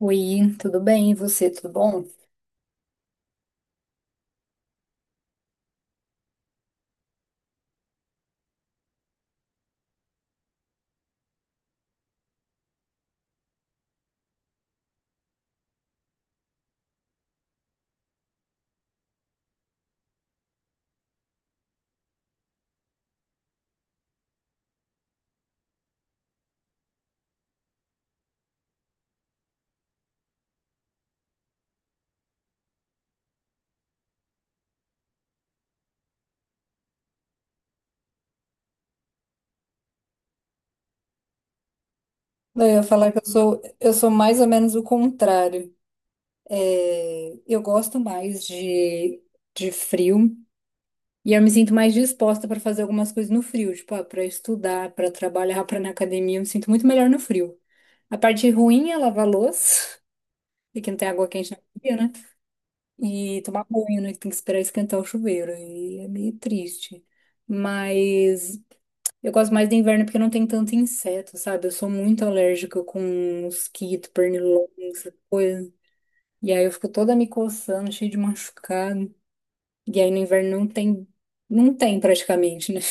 Oi, tudo bem? E você, tudo bom? Eu ia falar que eu sou mais ou menos o contrário. É, eu gosto mais de frio e eu me sinto mais disposta para fazer algumas coisas no frio, tipo, ah, para estudar, para trabalhar, para ir na academia, eu me sinto muito melhor no frio. A parte ruim é lavar louça, e que não tem água quente na academia, né? E tomar banho, né? Que tem que esperar esquentar o chuveiro. E é meio triste. Mas eu gosto mais do inverno porque não tem tanto inseto, sabe? Eu sou muito alérgica com mosquito, pernilongo, essa coisa. E aí eu fico toda me coçando, cheia de machucado. E aí no inverno não tem, não tem praticamente, né?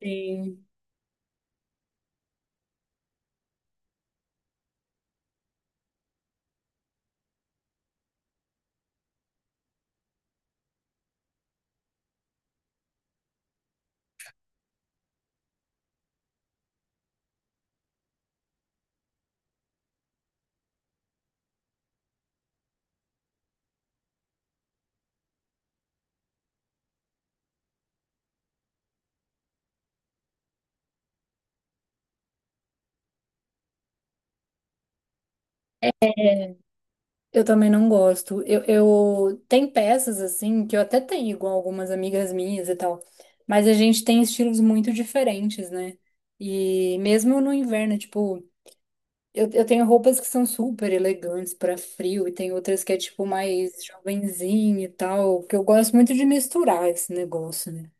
Sim. Eu também não gosto. Eu tem peças assim que eu até tenho com algumas amigas minhas e tal, mas a gente tem estilos muito diferentes, né? E mesmo no inverno, tipo, eu tenho roupas que são super elegantes pra frio e tem outras que é tipo mais jovenzinho e tal, que eu gosto muito de misturar esse negócio, né?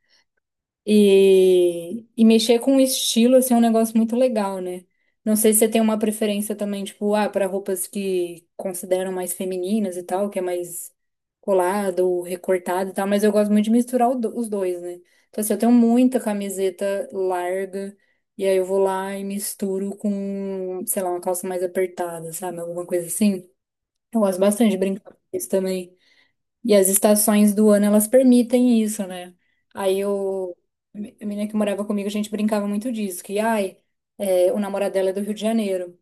E mexer com o estilo, assim, é um negócio muito legal, né? Não sei se você tem uma preferência também, tipo, ah, para roupas que consideram mais femininas e tal, que é mais colado, recortado e tal, mas eu gosto muito de misturar os dois, né? Então, assim, eu tenho muita camiseta larga, e aí eu vou lá e misturo com, sei lá, uma calça mais apertada, sabe? Alguma coisa assim. Eu gosto bastante de brincar com isso também. E as estações do ano, elas permitem isso, né? Aí eu, a menina que morava comigo, a gente brincava muito disso, que, ai, o namorado dela é do Rio de Janeiro.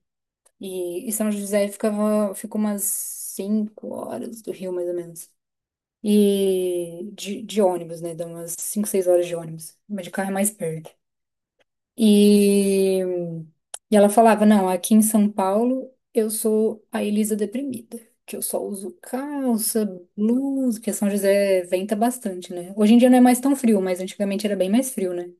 E São José fica umas 5 horas do Rio, mais ou menos. E de ônibus, né? Dá umas 5, 6 horas de ônibus. Mas de carro é mais perto. E, e ela falava: Não, aqui em São Paulo eu sou a Elisa deprimida, que eu só uso calça, blusa, porque São José venta bastante, né? Hoje em dia não é mais tão frio, mas antigamente era bem mais frio, né?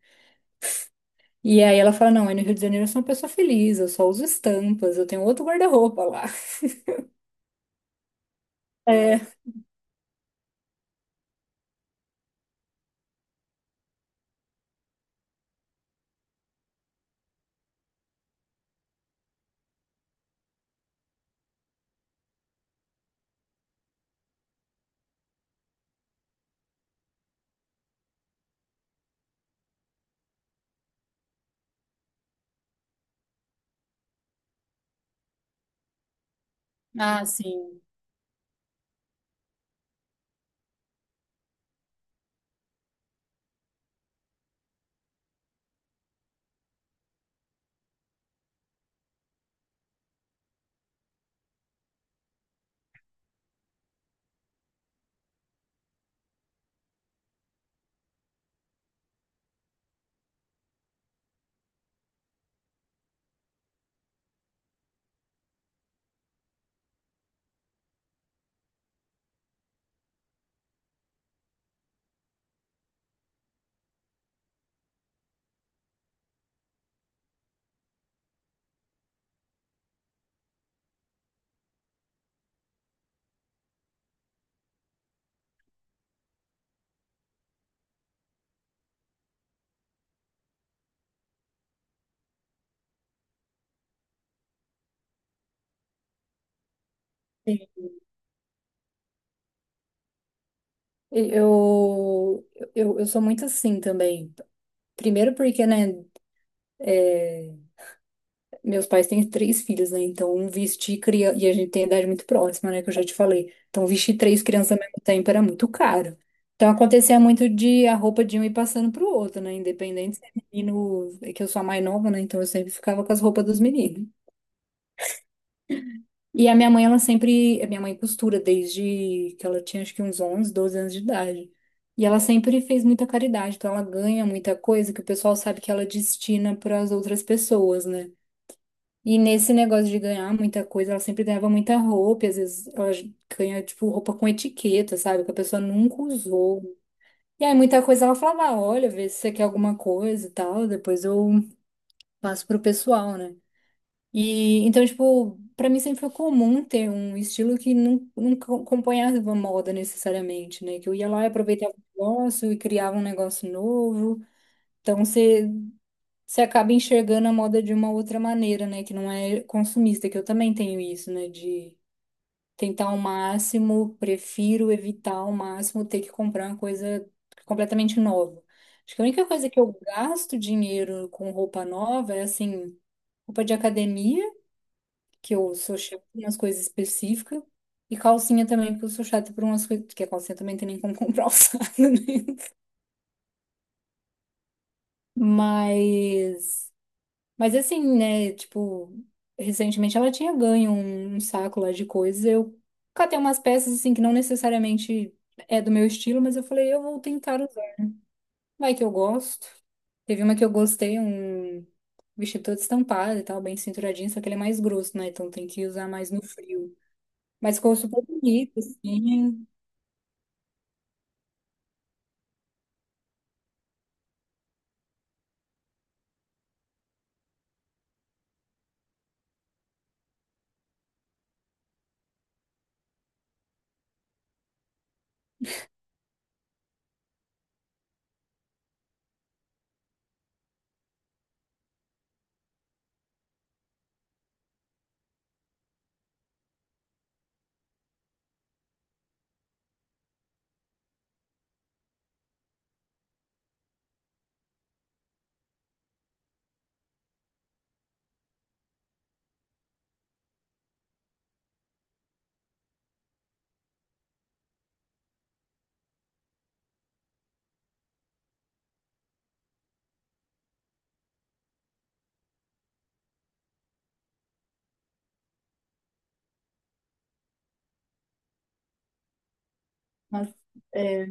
E aí ela fala: Não, aí no Rio de Janeiro eu sou uma pessoa feliz, eu só uso estampas, eu tenho outro guarda-roupa lá. É. Ah, sim. Sim. Eu, eu sou muito assim também. Primeiro porque, né? é, Meus pais têm três filhos, né? Então, um vestir criança. E a gente tem idade muito próxima, né? Que eu já te falei. Então, vestir três crianças ao mesmo tempo era muito caro. Então, acontecia muito de a roupa de um ir passando pro outro, né? Independente se é menino. É que eu sou a mais nova, né? Então, eu sempre ficava com as roupas dos meninos. E a minha mãe, ela sempre. A minha mãe costura desde que ela tinha, acho que uns 11, 12 anos de idade. E ela sempre fez muita caridade. Então, ela ganha muita coisa que o pessoal sabe que ela destina para as outras pessoas, né? E nesse negócio de ganhar muita coisa, ela sempre ganhava muita roupa, e às vezes ela ganha, tipo, roupa com etiqueta, sabe? Que a pessoa nunca usou. E aí muita coisa ela falava, "Ah, olha, vê se você quer alguma coisa e tal, depois eu passo pro pessoal, né? E então, tipo, pra mim sempre foi comum ter um estilo que não co- acompanhava a moda necessariamente, né? Que eu ia lá e aproveitava o negócio e criava um negócio novo. Então, você acaba enxergando a moda de uma outra maneira, né? Que não é consumista, que eu também tenho isso, né? De tentar ao máximo, prefiro evitar ao máximo ter que comprar uma coisa completamente nova. Acho que a única coisa que eu gasto dinheiro com roupa nova é assim, roupa de academia, que eu sou chata em umas coisas específicas, e calcinha também, porque eu sou chata por umas coisas, porque a calcinha também tem nem como comprar alçada, né? Mas. Mas assim, né, tipo, recentemente ela tinha ganho um, um saco lá de coisas. Eu catei umas peças assim que não necessariamente é do meu estilo, mas eu falei, eu vou tentar usar. Vai que eu gosto. Teve uma que eu gostei, um vestido todo estampado e tal, bem cinturadinho, só que ele é mais grosso, né? Então tem que usar mais no frio. Mas ficou super bonito, assim. Mas, é,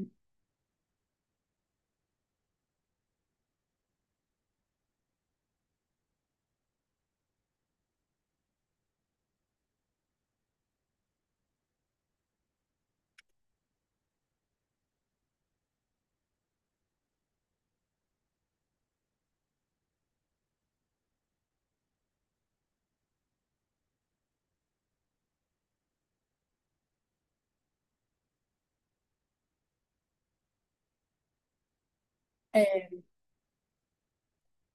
é,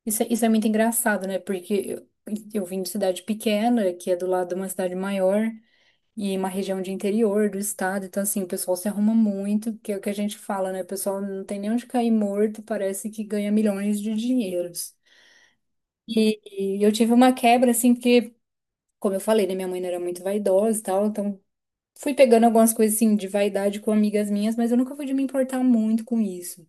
isso, é- isso é muito engraçado, né? Porque eu vim de cidade pequena, que é do lado de uma cidade maior. E uma região de interior do estado, então assim, o pessoal se arruma muito, que é o que a gente fala, né? O pessoal não tem nem onde cair morto, parece que ganha milhões de dinheiros. E, e eu tive uma quebra, assim, porque, como eu falei, né, minha mãe não era muito vaidosa e tal, então fui pegando algumas coisas, assim, de vaidade com amigas minhas, mas eu nunca fui de me importar muito com isso.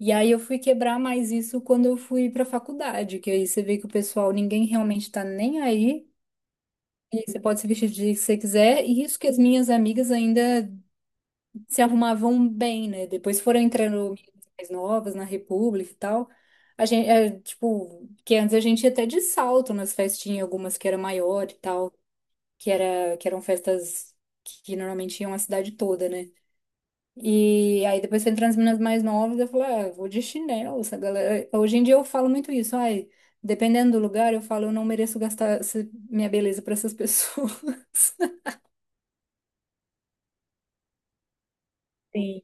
E aí eu fui quebrar mais isso quando eu fui pra faculdade, que aí você vê que o pessoal, ninguém realmente tá nem aí, e você pode se vestir de que você quiser, e isso que as minhas amigas ainda se arrumavam bem, né? Depois foram entrando meninas mais novas na República e tal. Tipo, que antes a gente ia até de salto nas festinhas, algumas que era maior e tal, que era, que eram festas que normalmente iam a cidade toda, né? E aí depois foi entrando as meninas mais novas, eu falei, ah, eu vou de chinelo, essa galera. Hoje em dia eu falo muito isso, ai, dependendo do lugar, eu falo, eu não mereço gastar minha beleza para essas pessoas. Sim,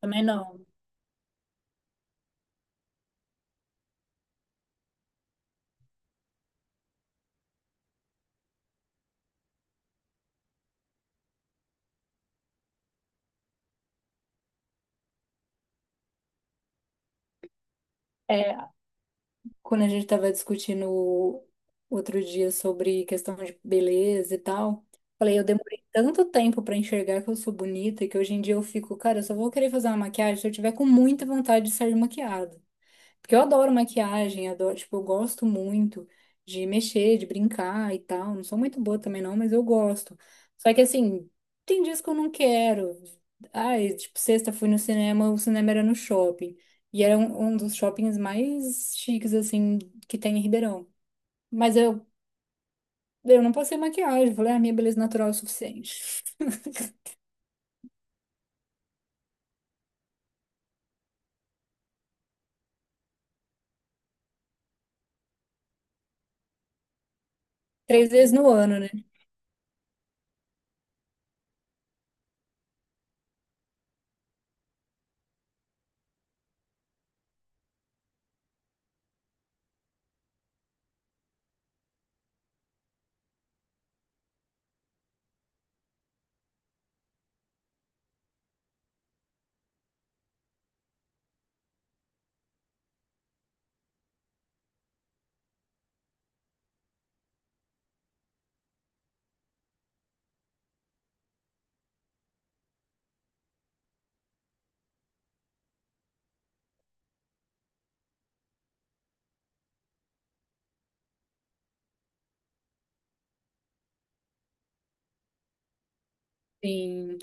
também não. É, quando a gente estava discutindo outro dia sobre questão de beleza e tal, falei, eu demorei tanto tempo para enxergar que eu sou bonita que hoje em dia eu fico, cara, eu só vou querer fazer uma maquiagem se eu tiver com muita vontade de sair maquiada. Porque eu adoro maquiagem, adoro, tipo, eu gosto muito de mexer, de brincar e tal. Não sou muito boa também não, mas eu gosto. Só que assim, tem dias que eu não quero. Ai, tipo, sexta fui no cinema, o cinema era no shopping. E era um, um dos shoppings mais chiques, assim, que tem em Ribeirão. Mas eu não passei maquiagem, falei, a minha beleza natural é o suficiente. Três vezes no ano, né? Sim.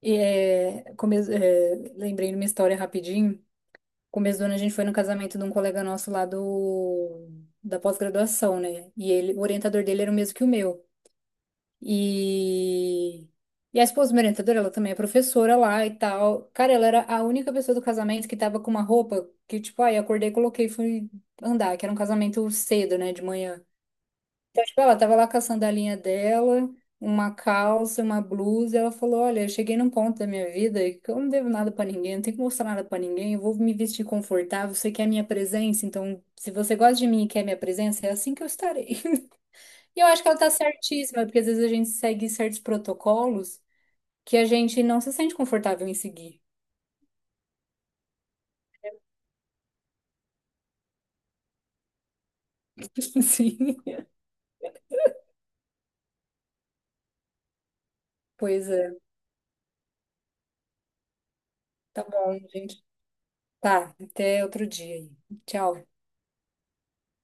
E lembrei de uma história rapidinho. Começo do ano a gente foi no casamento de um colega nosso lá da pós-graduação, né? E ele, o orientador dele era o mesmo que o meu. E, e a esposa do meu orientador, ela também é professora lá e tal. Cara, ela era a única pessoa do casamento que tava com uma roupa que, tipo, ai, acordei, coloquei, e fui andar, que era um casamento cedo, né, de manhã. Então, tipo, ela tava lá com a sandalinha dela, uma calça, uma blusa, e ela falou: Olha, eu cheguei num ponto da minha vida que eu não devo nada pra ninguém, não tenho que mostrar nada pra ninguém, eu vou me vestir confortável, você quer minha presença, então se você gosta de mim e quer minha presença, é assim que eu estarei. E eu acho que ela tá certíssima, porque às vezes a gente segue certos protocolos que a gente não se sente confortável em seguir. Sim. Pois é, tá bom, gente. Tá, até outro dia aí. Tchau.